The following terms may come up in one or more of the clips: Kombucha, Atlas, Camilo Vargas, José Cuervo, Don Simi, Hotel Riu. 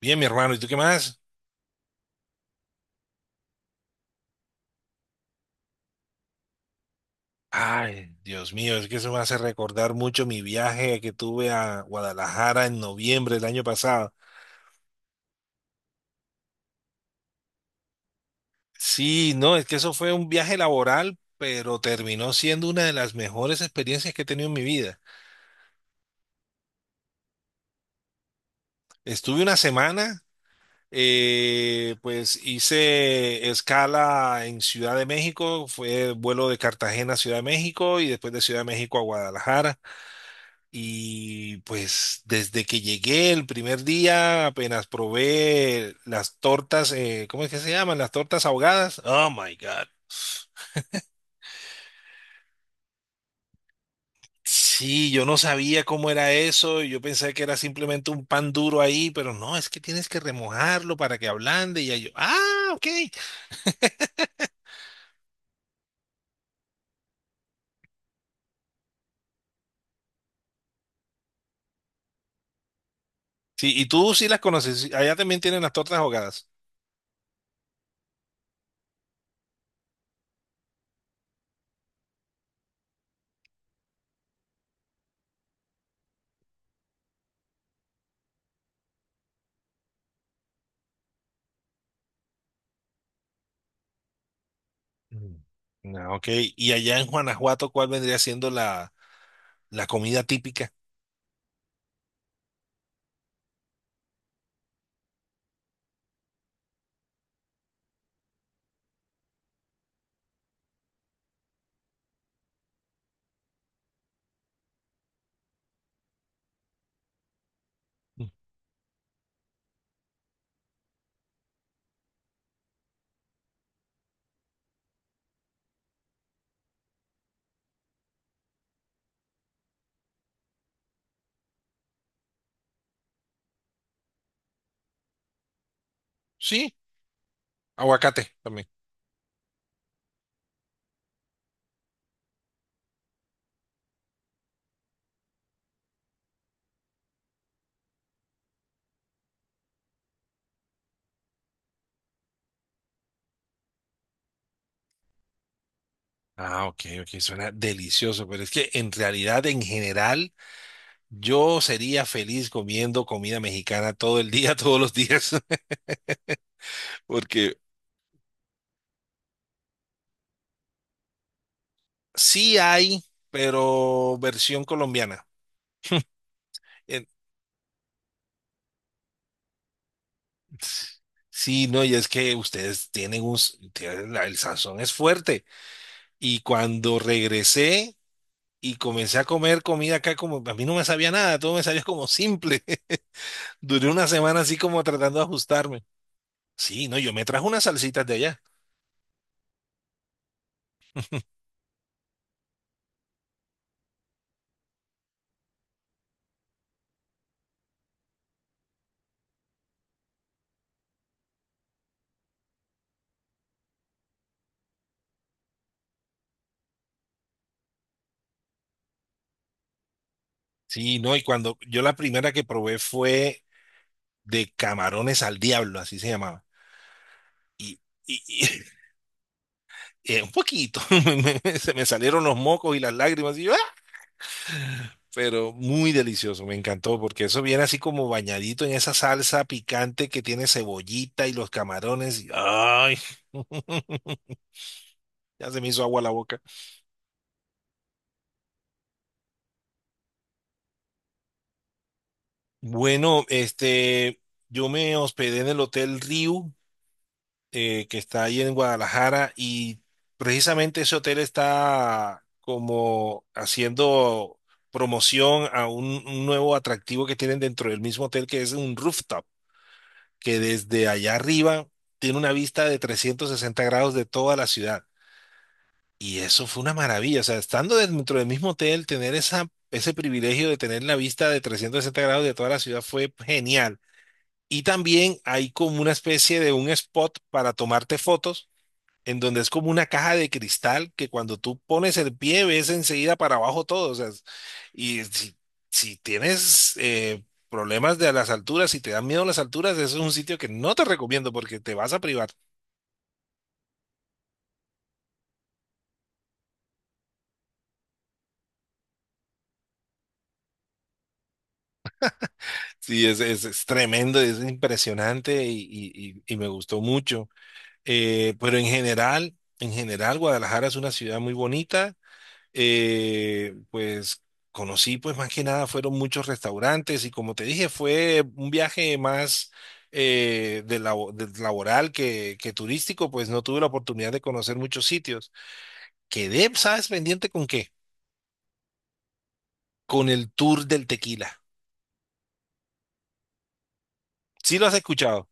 Bien, mi hermano, ¿y tú qué más? Ay, Dios mío, es que eso me hace recordar mucho mi viaje que tuve a Guadalajara en noviembre del año pasado. Sí, no, es que eso fue un viaje laboral, pero terminó siendo una de las mejores experiencias que he tenido en mi vida. Estuve una semana, pues hice escala en Ciudad de México, fue vuelo de Cartagena a Ciudad de México y después de Ciudad de México a Guadalajara. Y pues desde que llegué el primer día, apenas probé las tortas, ¿cómo es que se llaman? Las tortas ahogadas. Oh my God. Sí, yo no sabía cómo era eso. Yo pensé que era simplemente un pan duro ahí, pero no, es que tienes que remojarlo para que ablande. Y ya yo, ah, ok. Sí, y tú sí las conoces. Sí, allá también tienen las tortas ahogadas. Mm. Ah, ok. Y allá en Guanajuato, ¿cuál vendría siendo la comida típica? Mm. Sí, aguacate también. Ah, ok, ok, suena delicioso, pero es que en realidad, en general, yo sería feliz comiendo comida mexicana todo el día, todos los días, porque sí hay, pero versión colombiana. En- Sí, no, y es que ustedes tienen tienen el sazón es fuerte. Y cuando regresé y comencé a comer comida acá, como a mí no me sabía nada, todo me sabía como simple. Duré una semana así como tratando de ajustarme. Sí, no, yo me trajo unas salsitas de allá. Sí, no, y cuando yo la primera que probé fue de camarones al diablo, así se llamaba. Y, y- y, un poquito, se me salieron los mocos y las lágrimas, y yo, "Ah", pero muy delicioso, me encantó, porque eso viene así como bañadito en esa salsa picante que tiene cebollita y los camarones. Y, ay, ya se me hizo agua la boca. Bueno, yo me hospedé en el Hotel Riu. Que está ahí en Guadalajara y precisamente ese hotel está como haciendo promoción a un nuevo atractivo que tienen dentro del mismo hotel que es un rooftop, que desde allá arriba tiene una vista de 360 grados de toda la ciudad. Y eso fue una maravilla, o sea, estando dentro del mismo hotel, tener ese privilegio de tener la vista de 360 grados de toda la ciudad fue genial. Y también hay como una especie de un spot para tomarte fotos en donde es como una caja de cristal que cuando tú pones el pie ves enseguida para abajo todo. O sea, y si, si tienes problemas de las alturas, si te dan miedo las alturas, eso es un sitio que no te recomiendo porque te vas a privar. Sí, es tremendo, es impresionante y, y me gustó mucho. Pero en general, Guadalajara es una ciudad muy bonita. Pues conocí, pues más que nada fueron muchos restaurantes y como te dije, fue un viaje más de laboral que turístico, pues no tuve la oportunidad de conocer muchos sitios. Quedé, ¿sabes? ¿Pendiente con qué? Con el tour del tequila. ¿Sí lo has escuchado?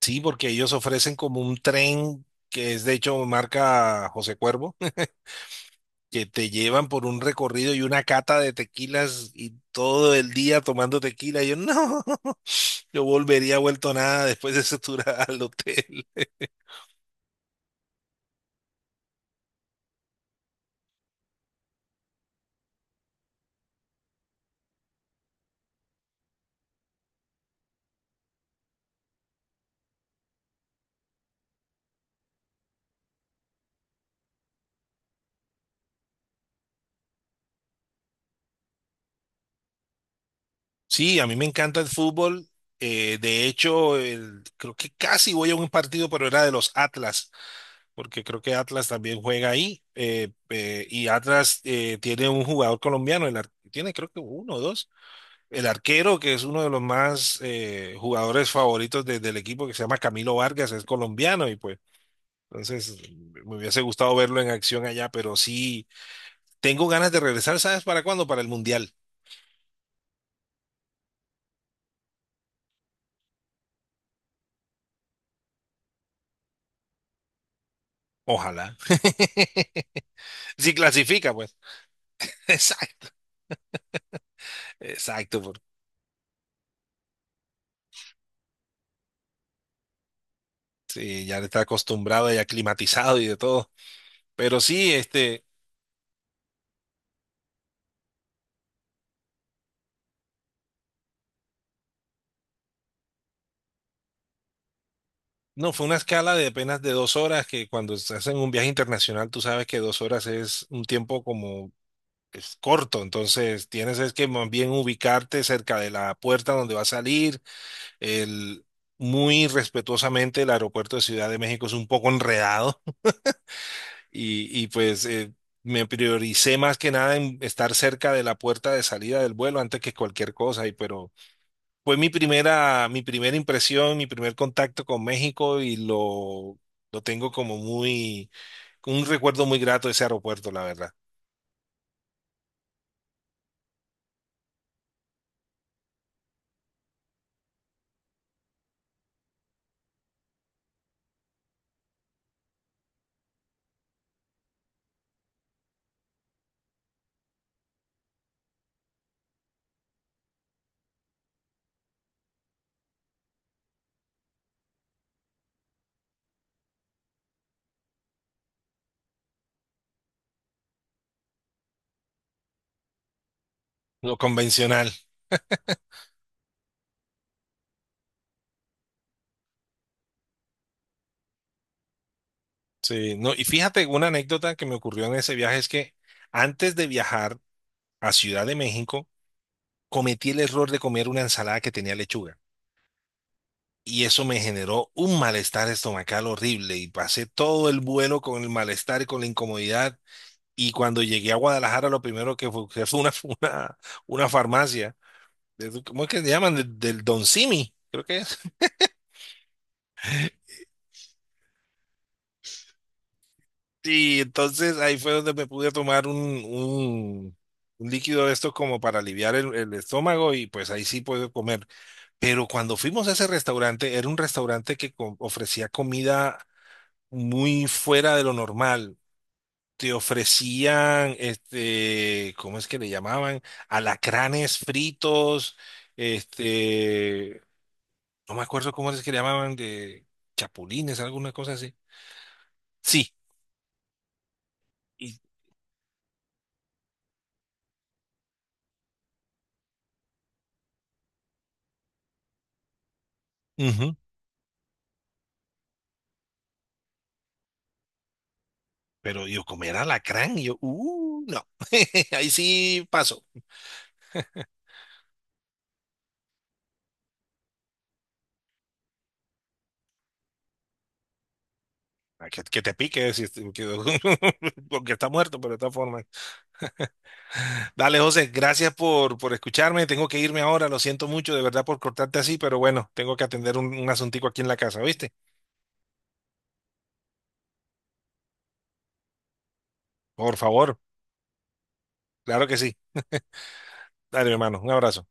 Sí, porque ellos ofrecen como un tren que es de hecho marca José Cuervo que te llevan por un recorrido y una cata de tequilas y todo el día tomando tequila. Y yo, no, yo volvería vuelto nada después de ese tour al hotel. Sí, a mí me encanta el fútbol. De hecho, creo que casi voy a un partido, pero era de los Atlas. Porque creo que Atlas también juega ahí. Y Atlas tiene un jugador colombiano, tiene creo que uno o dos. El arquero, que es uno de los más jugadores favoritos del equipo, que se llama Camilo Vargas, es colombiano y pues. Entonces, me hubiese gustado verlo en acción allá, pero sí, tengo ganas de regresar, ¿sabes para cuándo? Para el Mundial. Ojalá. Si clasifica, pues. Exacto, exacto. Sí, ya está acostumbrado y aclimatizado y de todo. Pero sí, No, fue una escala de apenas de 2 horas, que cuando se hacen un viaje internacional, tú sabes que 2 horas es un tiempo como es corto, entonces tienes es que más bien ubicarte cerca de la puerta donde va a salir. El, Muy respetuosamente, el aeropuerto de Ciudad de México es un poco enredado y pues me prioricé más que nada en estar cerca de la puerta de salida del vuelo antes que cualquier cosa, y, pero fue mi primera impresión, mi primer contacto con México y lo tengo como muy, un recuerdo muy grato de ese aeropuerto, la verdad. Lo convencional. Sí, no, y fíjate, una anécdota que me ocurrió en ese viaje es que antes de viajar a Ciudad de México, cometí el error de comer una ensalada que tenía lechuga. Y eso me generó un malestar estomacal horrible y pasé todo el vuelo con el malestar y con la incomodidad. Y cuando llegué a Guadalajara, lo primero que fue una, una farmacia. ¿Cómo es que se llaman? Del Don Simi, creo que es. Y entonces ahí fue donde me pude tomar un líquido de estos como para aliviar el estómago y pues ahí sí puedo comer. Pero cuando fuimos a ese restaurante, era un restaurante que ofrecía comida muy fuera de lo normal. Te ofrecían, ¿cómo es que le llamaban? Alacranes fritos, este, no me acuerdo cómo es que le llamaban, de chapulines, alguna cosa así. Sí, y, ujú. Pero yo comer alacrán, y yo, no, ahí sí paso. Ah, que te pique, si porque está muerto, pero de todas formas. Dale, José, gracias por escucharme. Tengo que irme ahora, lo siento mucho, de verdad, por cortarte así, pero bueno, tengo que atender un asuntico aquí en la casa, ¿viste? Por favor, claro que sí. Dale, hermano, un abrazo.